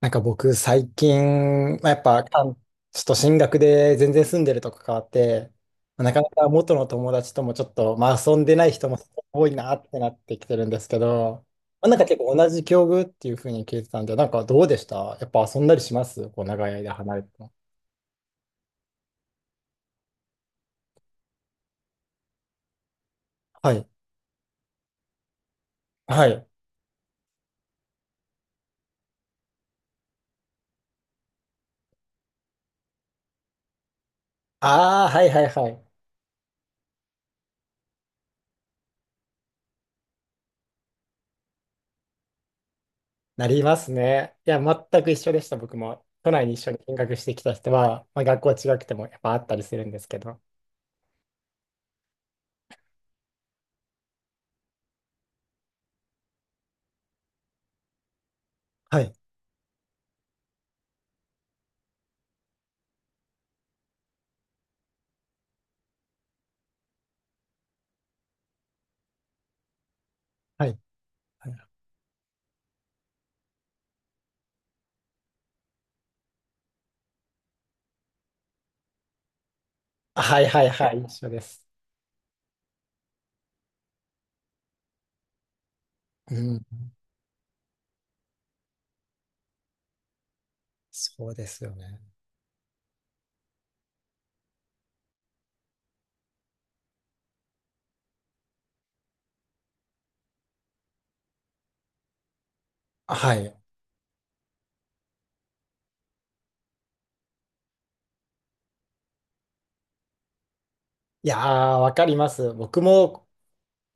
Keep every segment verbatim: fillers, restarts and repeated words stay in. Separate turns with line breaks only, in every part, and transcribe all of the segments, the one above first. なんか僕最近、まあ、やっぱ、あのちょっと進学で全然住んでるとこ変わって、まあなかなか元の友達ともちょっと、まあ、遊んでない人も多いなってなってきてるんですけど、まあ、なんか結構同じ境遇っていうふうに聞いてたんで、なんかどうでしたやっぱ遊んだりしますこう長い間離れても？はい。はい。ああ、はいはいはい。なりますね。いや、全く一緒でした、僕も。都内に一緒に見学してきた人は、まあ、学校違くてもやっぱあったりするんですけど。はい。はい。はいはいはい、一緒です。うん、そうですよね。はい。いやー、わかります。僕も、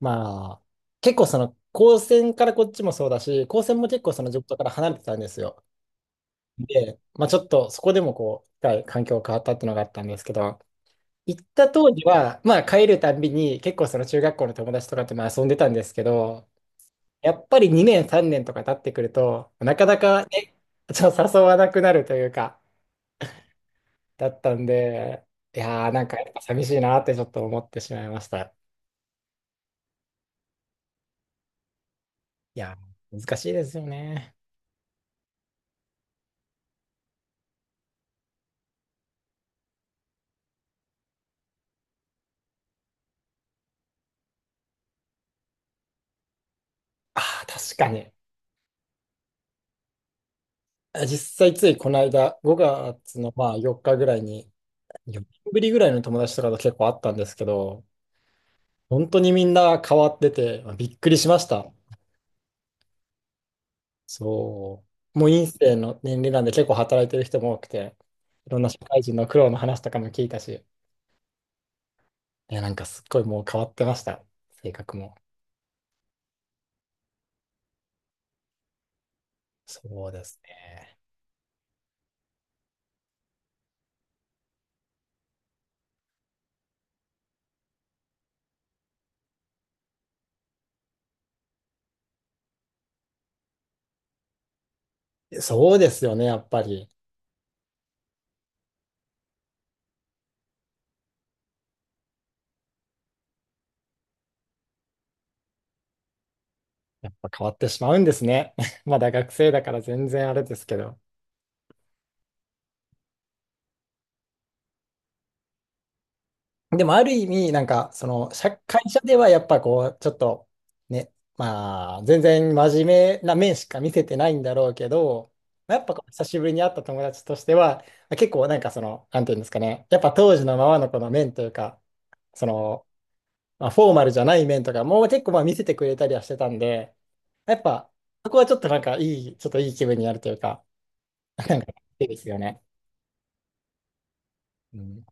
まあ、結構その、高専からこっちもそうだし、高専も結構その地元から離れてたんですよ。で、まあちょっとそこでもこう、一回環境変わったっていうのがあったんですけど、行った当時は、まあ帰るたんびに結構その中学校の友達とかとまあ遊んでたんですけど、やっぱりにねんさんねんとか経ってくると、なかなかね、ちょっと誘わなくなるというか、だったんで、いやー、なんかやっぱ寂しいなってちょっと思ってしまいました。いやー、難しいですよね。ああ、確かに。実際ついこの間、ごがつのまあよっかぐらいに、よねんぶりぐらいの友達とかと結構あったんですけど、本当にみんな変わってて、まあびっくりしました。そう。もう院生の年齢なんで結構働いてる人も多くて、いろんな社会人の苦労の話とかも聞いたし、いや、なんかすっごいもう変わってました。性格も。そうですね。そうですよね、やっぱり。やっぱ変わってしまうんですね。まだ学生だから全然あれですけど。でもある意味、なんか、その、社会社ではやっぱこう、ちょっと、ね、まあ、全然真面目な面しか見せてないんだろうけど、まあやっぱこう久しぶりに会った友達としては、結構なんかその、なんていうんですかね、やっぱ当時のままのこの面というか、その、まあ、フォーマルじゃない面とかも結構まあ見せてくれたりはしてたんで、やっぱ、そこはちょっとなんかいい、ちょっといい気分になるというか、なんか、いいですよね。うん、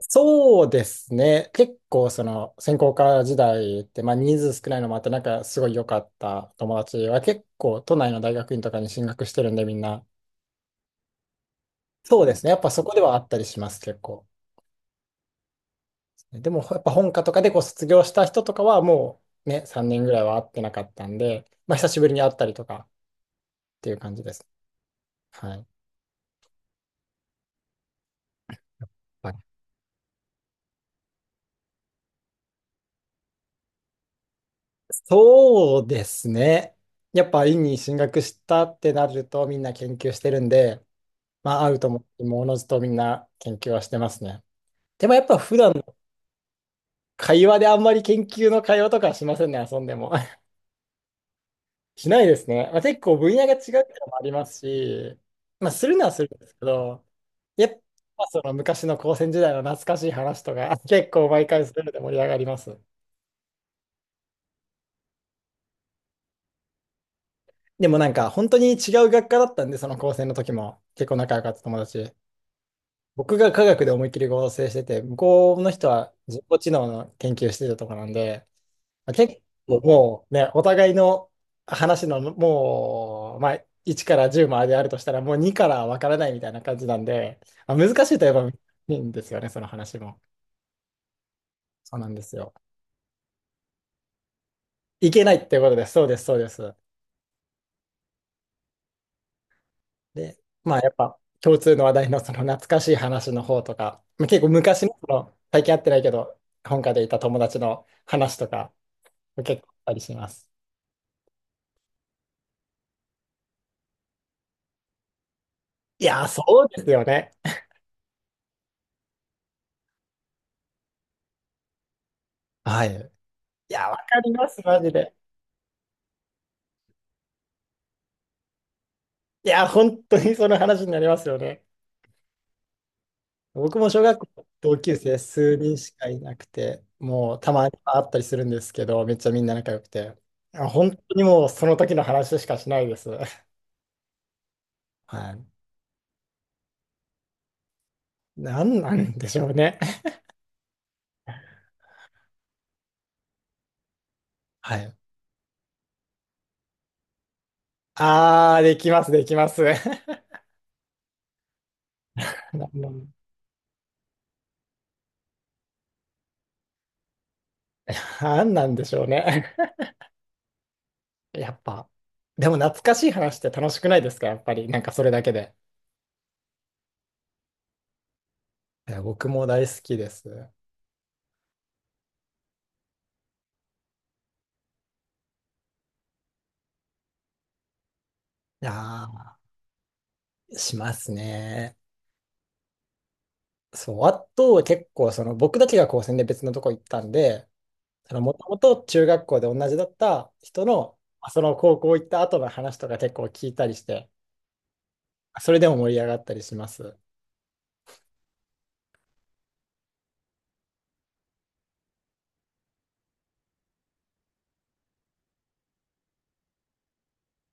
そうですね。結構、その、専攻科時代って、まあ、人数少ないのもあって、なんか、すごい良かった友達は、結構、都内の大学院とかに進学してるんで、みんな。そうですね。やっぱそこではあったりします、結構。でも、やっぱ本科とかでこう卒業した人とかは、もうね、さんねんぐらいは会ってなかったんで、まあ、久しぶりに会ったりとかっていう感じです。はい。はい。そうですね。やっぱ、院に進学したってなると、みんな研究してるんで、まあ、合うと思って、もおのずとみんな研究はしてますね。でもやっぱ普段の会話であんまり研究の会話とかはしませんね、遊んでも。しないですね。まあ、結構分野が違うってのもありますし、まあ、するのはするんですけど、やっぱその昔の高専時代の懐かしい話とか、結構毎回するので盛り上がります。でもなんか本当に違う学科だったんで、その高専の時も結構仲良かった友達。僕が科学で思いっきり合成してて、向こうの人は人工知能の研究してたとこなんで、結構もうね、お互いの話のもう、まあ、いちからじゅうまであるとしたら、もうにからわからないみたいな感じなんで、まあ、難しいといえば難しいんですよね、その話も。そうなんですよ。いけないっていうことです。そうです、そうです。で、まあやっぱ共通の話題のその懐かしい話の方とか、まあ結構昔の、その最近会ってないけど、本家でいた友達の話とか、結構あったりします。いやー、そうですよね。はい。いや、わかります、マジで。いや、本当にその話になりますよね。僕も小学校同級生数人しかいなくて、もうたまに会ったりするんですけど、めっちゃみんな仲良くて、あ、本当にもうその時の話しかしないです。はい。なんなんでしょうね。はい。あー、できます、できます。なんなんなんなんでしょうね。やっぱ、でも懐かしい話って楽しくないですか、やっぱり。なんかそれだけで。いや僕も大好きです。ああ、しますね。そう、あとは結構その僕だけが高専で別のとこ行ったんで、もともと中学校で同じだった人の、まあその高校行った後の話とか結構聞いたりして、それでも盛り上がったりします。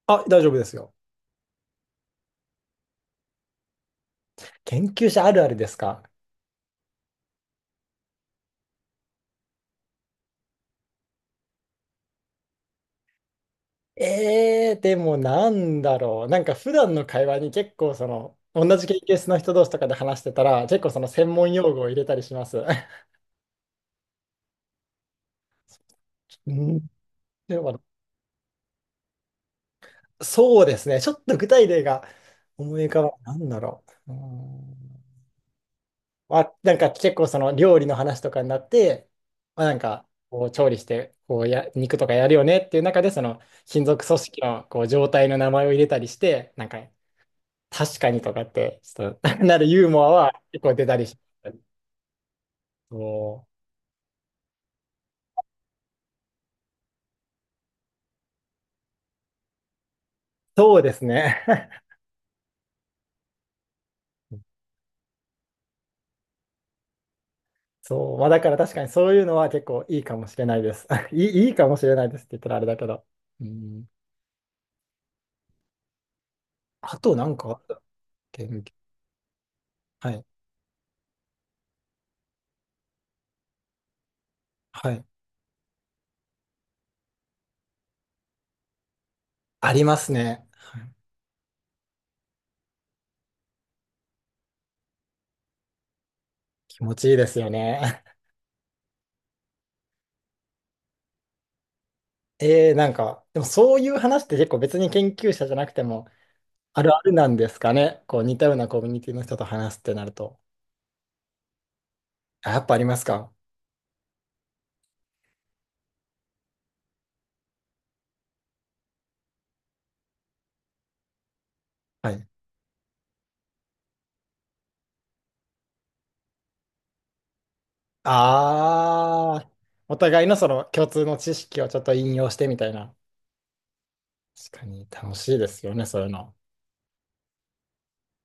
あ、大丈夫ですよ。研究者あるあるですか？えー、でもなんだろう。なんか普段の会話に結構その、同じ研究室の人同士とかで話してたら、結構その専門用語を入れたりします。うん。でもそうですね。ちょっと具体例が思い浮かばない。なんだろう。うーん。まあ、なんか結構その料理の話とかになって、まあ、なんかこう調理してこうや肉とかやるよねっていう中でその金属組織のこう状態の名前を入れたりして、なんか確かにとかってちょっと なるユーモアは結構出たりします。そう、そうですね。そう、まあ、だから確かにそういうのは結構いいかもしれないです。いい、いいかもしれないですって言ったらあれだけど。うん。あとなんか、けんはい。はい。ありますね。はい。気持ちいいですよね。えー、なんか、でもそういう話って結構別に研究者じゃなくてもあるあるなんですかね。こう似たようなコミュニティの人と話すってなると。あ、やっぱありますか。はい。ああ、お互いのその共通の知識をちょっと引用してみたいな。確かに楽しいですよね、そういうの。